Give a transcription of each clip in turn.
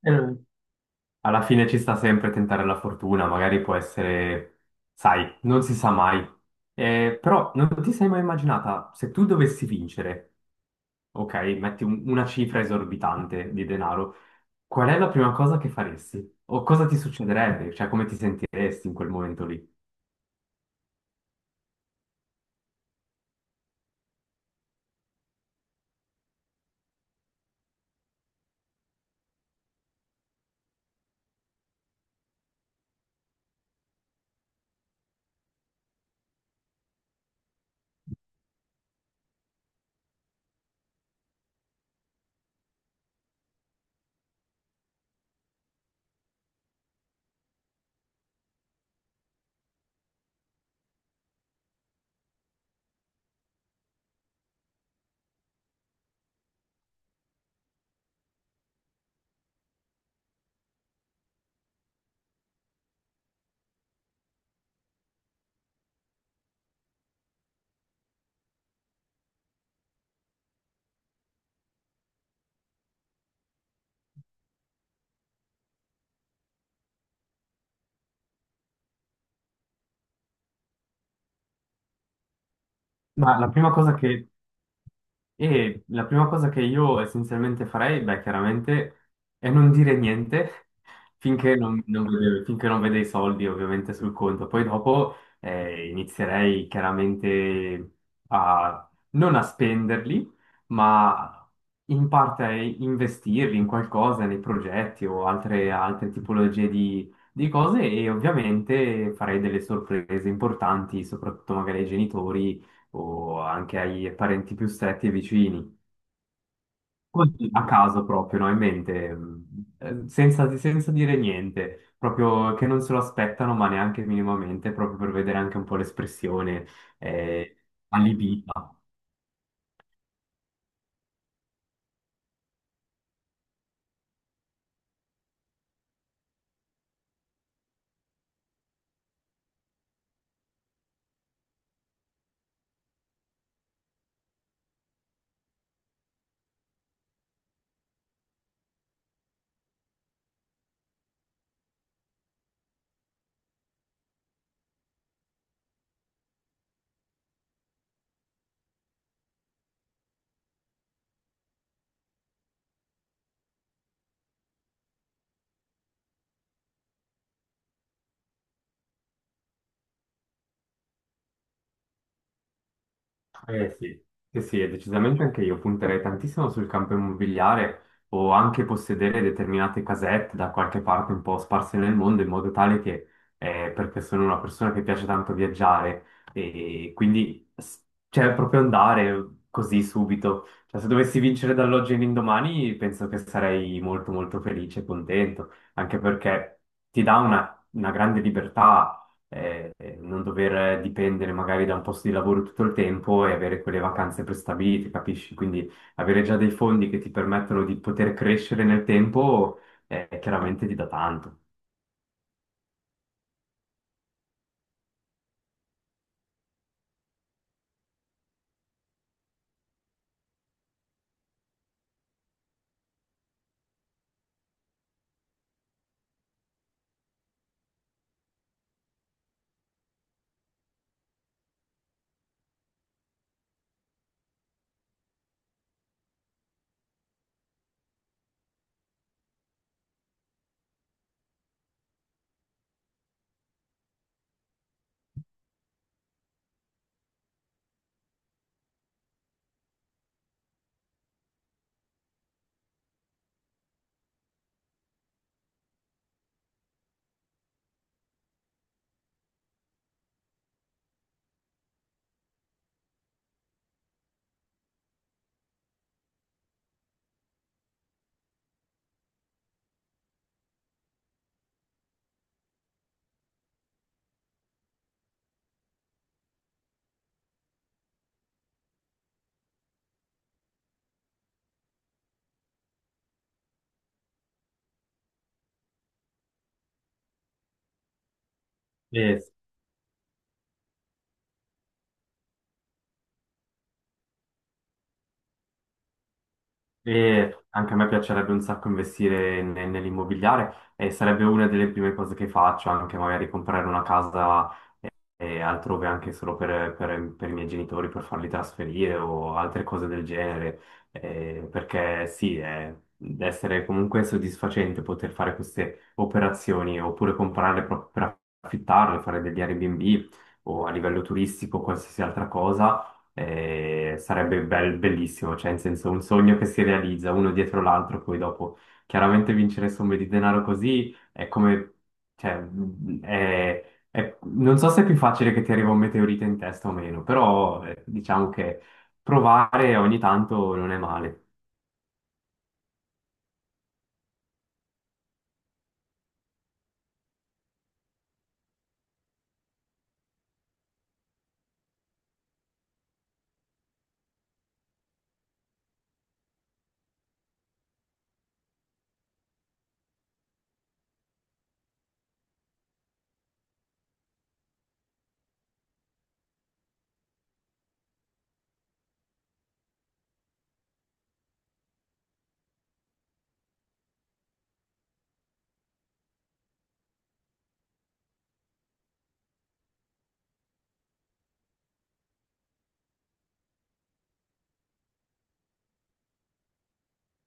Eh, Alla fine ci sta sempre tentare la fortuna, magari può essere, sai, non si sa mai. Però non ti sei mai immaginata, se tu dovessi vincere, ok, metti una cifra esorbitante di denaro, qual è la prima cosa che faresti? O cosa ti succederebbe? Cioè, come ti sentiresti in quel momento lì? Ma La prima cosa che E la prima cosa che io essenzialmente farei, beh, chiaramente, è non dire niente finché non vede, finché non vede i soldi ovviamente sul conto. Poi dopo inizierei chiaramente a non a spenderli, ma in parte a investirli in qualcosa, nei progetti o altre tipologie di cose e ovviamente farei delle sorprese importanti, soprattutto magari ai genitori o anche ai parenti più stretti e vicini, Oddio, a caso proprio, no? In mente, senza dire niente, proprio che non se lo aspettano, ma neanche minimamente, proprio per vedere anche un po' l'espressione eh, allibita. Eh sì, sì, sì, e decisamente anche io punterei tantissimo sul campo immobiliare o anche possedere determinate casette da qualche parte un po' sparse nel mondo in modo tale che, perché sono una persona che piace tanto viaggiare e quindi cioè, proprio andare così subito. Cioè, se dovessi vincere dall'oggi all'indomani penso che sarei molto molto felice e contento, anche perché ti dà una grande libertà eh, non dover dipendere magari da un posto di lavoro tutto il tempo e avere quelle vacanze prestabilite, capisci? Quindi avere già dei fondi che ti permettono di poter crescere nel tempo, chiaramente ti dà tanto. E, e anche a me piacerebbe un sacco investire nell'immobiliare e sarebbe una delle prime cose che faccio, anche magari comprare una casa e altrove anche solo per, per i miei genitori, per farli trasferire o altre cose del genere, perché sì, è, deve essere comunque soddisfacente poter fare queste operazioni oppure comprarle proprio per affittarle, fare degli Airbnb o a livello turistico, qualsiasi altra cosa. Sarebbe bellissimo, cioè in senso un sogno che si realizza uno dietro l'altro, poi dopo chiaramente vincere somme di denaro così è come, cioè, è, non so se è più facile che ti arriva un meteorite in testa o meno, però diciamo che provare ogni tanto non è male.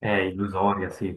È illusoria, sì.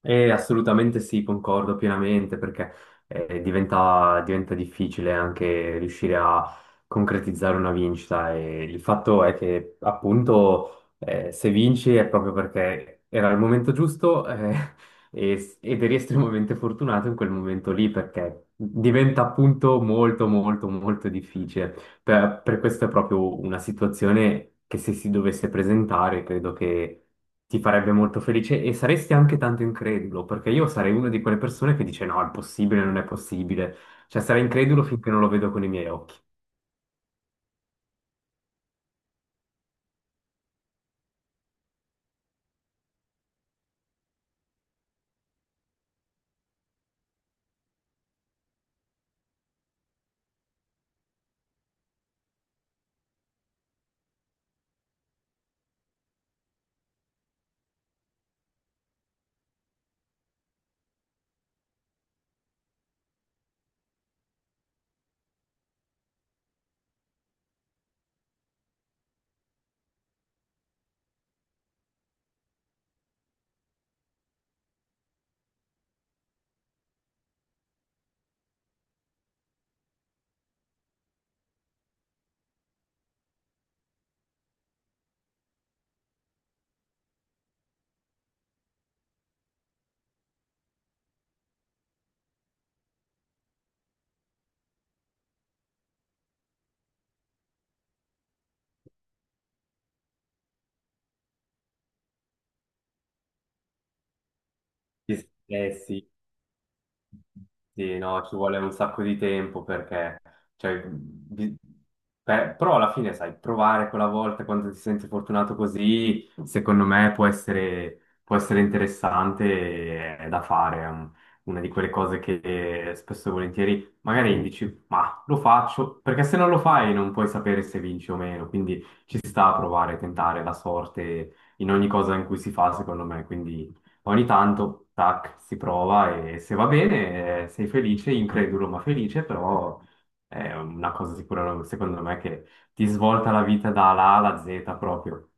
Assolutamente sì, concordo pienamente perché diventa difficile anche riuscire a concretizzare una vincita e il fatto è che appunto se vinci è proprio perché era il momento giusto ed eri estremamente fortunato in quel momento lì perché diventa appunto molto molto molto difficile. Per questo è proprio una situazione che se si dovesse presentare credo che ti farebbe molto felice e saresti anche tanto incredulo, perché io sarei una di quelle persone che dice no, è possibile, non è possibile. Cioè sarei incredulo finché non lo vedo con i miei occhi. Eh sì, sì, no, ci vuole un sacco di tempo perché, cioè, però alla fine, sai, provare quella volta quando ti senti fortunato così, secondo me può essere interessante e è da fare, è una di quelle cose che spesso e volentieri magari dici, ma lo faccio, perché se non lo fai non puoi sapere se vinci o meno, quindi ci sta a provare, tentare la sorte in ogni cosa in cui si fa, secondo me, quindi. Ogni tanto, tac, si prova e se va bene, sei felice, incredulo ma felice, però è una cosa sicura, secondo me, che ti svolta la vita dalla A alla Z proprio.